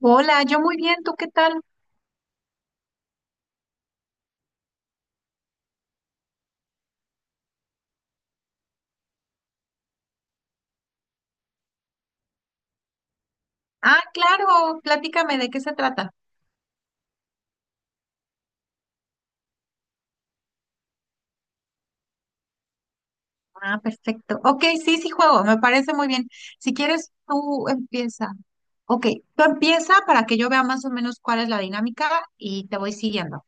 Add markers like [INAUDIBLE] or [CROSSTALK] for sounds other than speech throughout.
Hola, yo muy bien, ¿tú qué tal? Ah, claro, platícame de qué se trata. Ah, perfecto. Ok, sí, sí juego, me parece muy bien. Si quieres, tú empieza. Ok, tú empieza para que yo vea más o menos cuál es la dinámica y te voy siguiendo.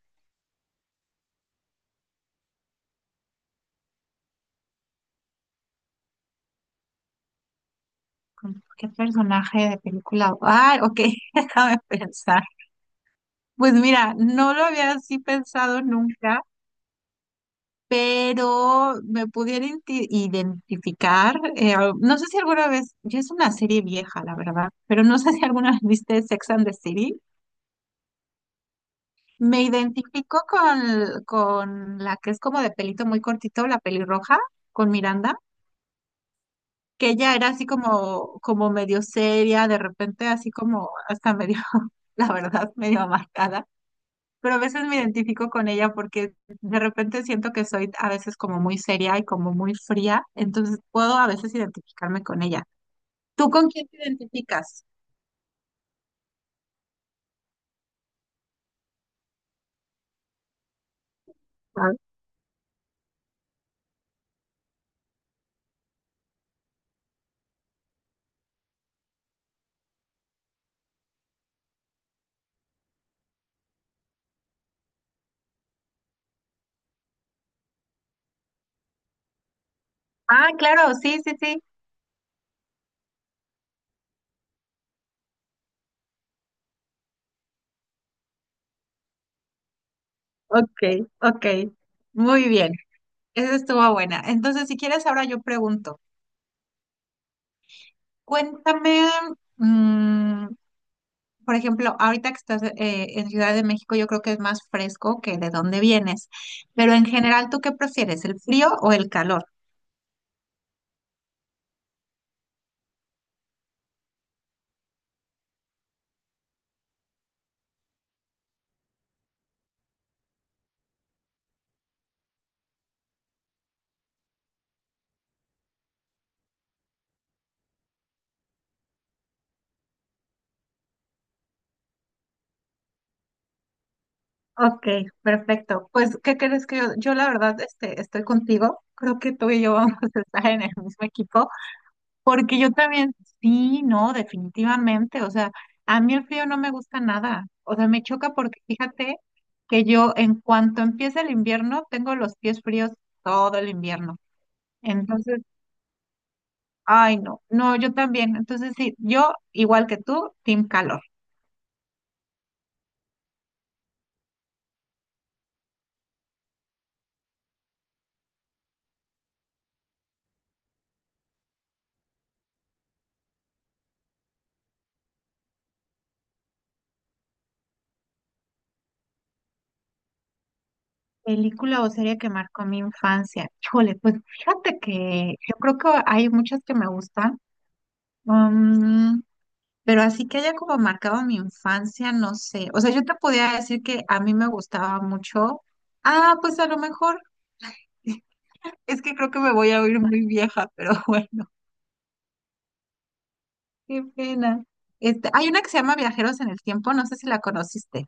¿Con ¿Qué personaje de película? Ah, ok, [LAUGHS] déjame pensar. Pues mira, no lo había así pensado nunca, pero me pudiera identificar. No sé si alguna vez, ya es una serie vieja, la verdad, pero no sé [LAUGHS] si alguna vez viste Sex and the City. Me identifico con la que es como de pelito muy cortito, la pelirroja, con Miranda, que ella era así como, como medio seria, de repente así como hasta medio, [LAUGHS] la verdad, medio amargada, pero a veces me identifico con ella porque de repente siento que soy a veces como muy seria y como muy fría, entonces puedo a veces identificarme con ella. ¿Tú con quién te identificas? Ah, ah, claro, sí, sí, sí. Ok, ok. Muy bien, esa estuvo buena. Entonces, si quieres, ahora yo pregunto, cuéntame, mm, por ejemplo, ahorita que estás en Ciudad de México, yo creo que es más fresco que de dónde vienes, pero en general, ¿tú qué prefieres, el frío o el calor? Ok, perfecto. Pues, ¿qué crees? Que yo la verdad este, estoy contigo. Creo que tú y yo [LAUGHS] vamos a estar en el mismo equipo, porque yo también, sí, no, definitivamente. O sea, a mí el frío no me gusta nada. O sea, me choca porque fíjate que yo en cuanto empieza el invierno, tengo los pies fríos todo el invierno. Entonces, ay, no, no, yo también. Entonces, sí, yo igual que tú, team calor. Película o serie que marcó mi infancia. Híjole, pues fíjate que yo creo que hay muchas que me gustan, mm, pero así que haya como marcado mi infancia, no sé. O sea, yo te podía decir que a mí me gustaba mucho. Ah, pues a lo mejor [LAUGHS] es que creo que me voy a oír muy vieja, pero [LAUGHS] bueno, qué pena. Este, hay una que se llama Viajeros en el Tiempo, no sé si la conociste.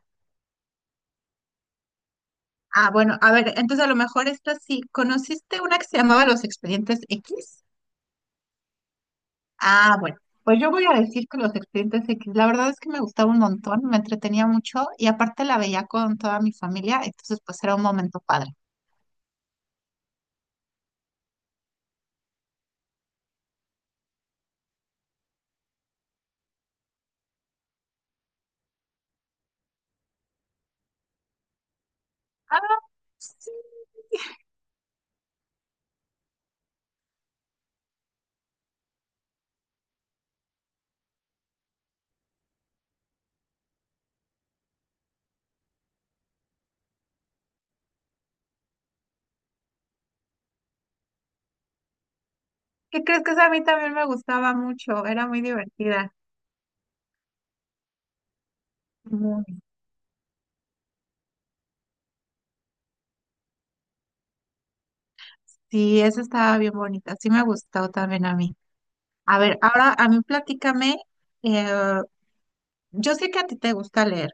Ah, bueno, a ver, entonces a lo mejor esta sí. ¿Conociste una que se llamaba Los Expedientes X? Ah, bueno, pues yo voy a decir que los Expedientes X, la verdad es que me gustaba un montón, me entretenía mucho y aparte la veía con toda mi familia, entonces pues era un momento padre. Ah, sí. ¿Qué crees? Que esa a mí también me gustaba mucho. Era muy divertida. Muy. Sí, esa estaba bien bonita, sí me gustó también a mí. A ver, ahora a mí platícame, eh, yo sé que a ti te gusta leer,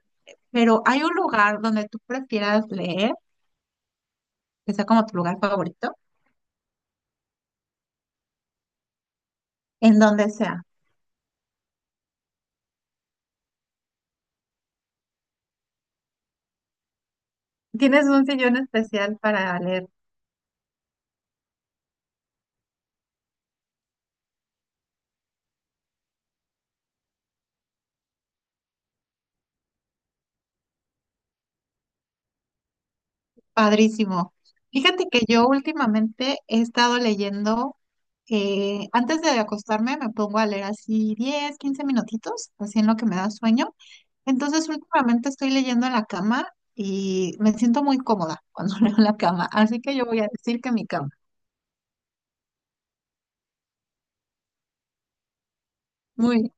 pero ¿hay un lugar donde tú prefieras leer, que sea como tu lugar favorito, en donde sea? ¿Tienes un sillón especial para leer? Padrísimo. Fíjate que yo últimamente he estado leyendo, antes de acostarme me pongo a leer así 10, 15 minutitos, así en lo que me da sueño. Entonces últimamente estoy leyendo en la cama y me siento muy cómoda cuando [LAUGHS] leo en la cama. Así que yo voy a decir que mi cama. Muy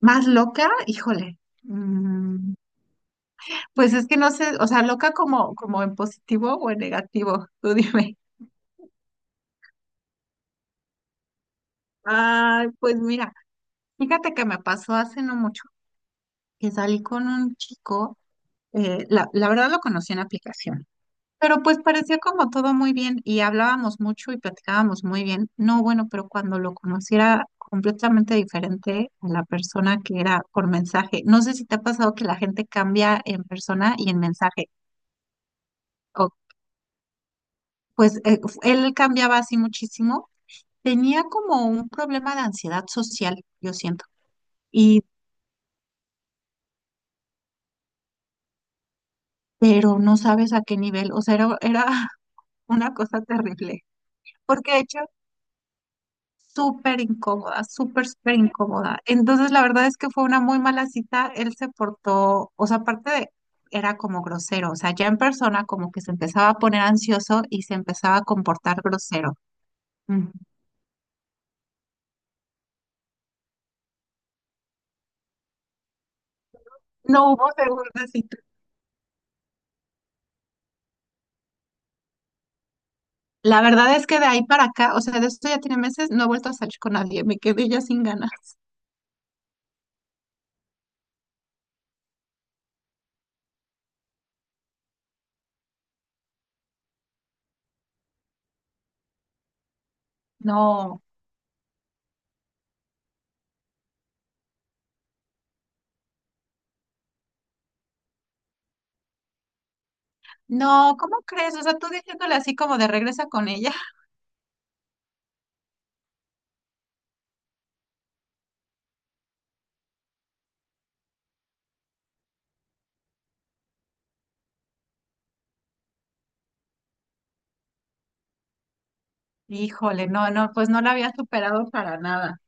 más loca, híjole. Mm, pues es que no sé, o sea, loca como, como en positivo o en negativo. Tú dime. Ay, pues mira, fíjate que me pasó hace no mucho que salí con un chico, la verdad lo conocí en aplicación, pero pues parecía como todo muy bien y hablábamos mucho y platicábamos muy bien. No, bueno, pero cuando lo conociera completamente diferente a la persona que era por mensaje, no sé si te ha pasado que la gente cambia en persona y en mensaje. O pues él cambiaba así muchísimo, tenía como un problema de ansiedad social, yo siento. Y pero no sabes a qué nivel, o sea, era una cosa terrible, porque de hecho, súper incómoda, súper, súper incómoda. Entonces, la verdad es que fue una muy mala cita, él se portó, o sea, aparte de, era como grosero, o sea, ya en persona como que se empezaba a poner ansioso y se empezaba a comportar grosero. Mm. No hubo segunda cita. La verdad es que de ahí para acá, o sea, de esto ya tiene meses, no he vuelto a salir con nadie, me quedé ya sin ganas. No, no, ¿cómo crees? O sea, tú diciéndole así como de regresa con ella. Híjole, no, no, pues no la había superado para nada.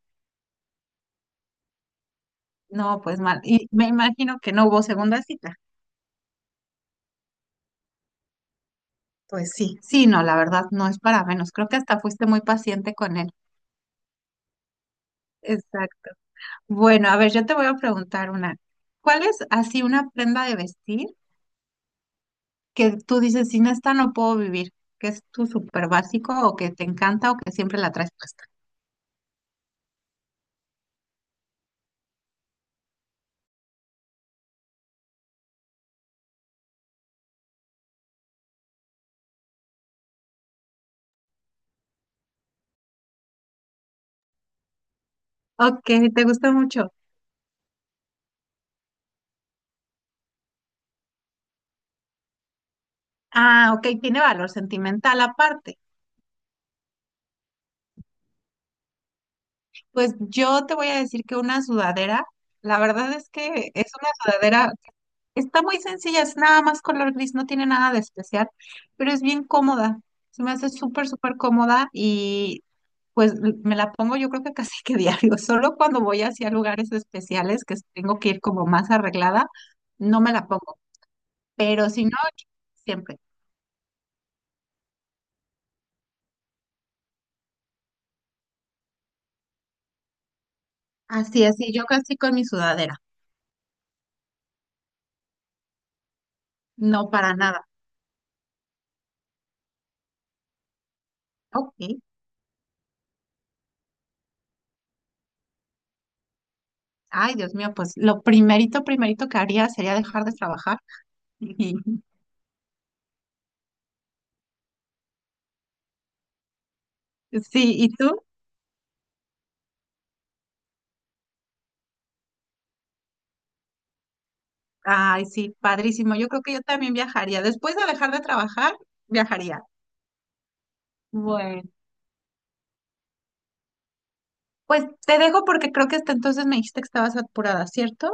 No, pues mal. Y me imagino que no hubo segunda cita. Pues sí, sí, no, la verdad no es para menos. Creo que hasta fuiste muy paciente con él. Exacto. Bueno, a ver, yo te voy a preguntar una. ¿Cuál es así una prenda de vestir que tú dices, sin esta no puedo vivir? ¿Que es tu súper básico o que te encanta o que siempre la traes puesta? Ok, te gusta mucho. Ah, ok, tiene valor sentimental aparte. Pues yo te voy a decir que una sudadera, la verdad es que es una sudadera, está muy sencilla, es nada más color gris, no tiene nada de especial, pero es bien cómoda, se me hace súper, súper cómoda y pues me la pongo yo creo que casi que diario, [LAUGHS] solo cuando voy hacia lugares especiales que tengo que ir como más arreglada, no me la pongo, pero si no, siempre. Así, así, yo casi con mi sudadera, no para nada. Ok. Ay, Dios mío, pues lo primerito, primerito que haría sería dejar de trabajar. Y sí, ¿y tú? Ay, sí, padrísimo. Yo creo que yo también viajaría. Después de dejar de trabajar, viajaría. Bueno, pues te dejo porque creo que hasta entonces me dijiste que estabas apurada, ¿cierto?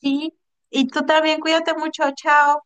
Sí. Y tú también, cuídate mucho, chao.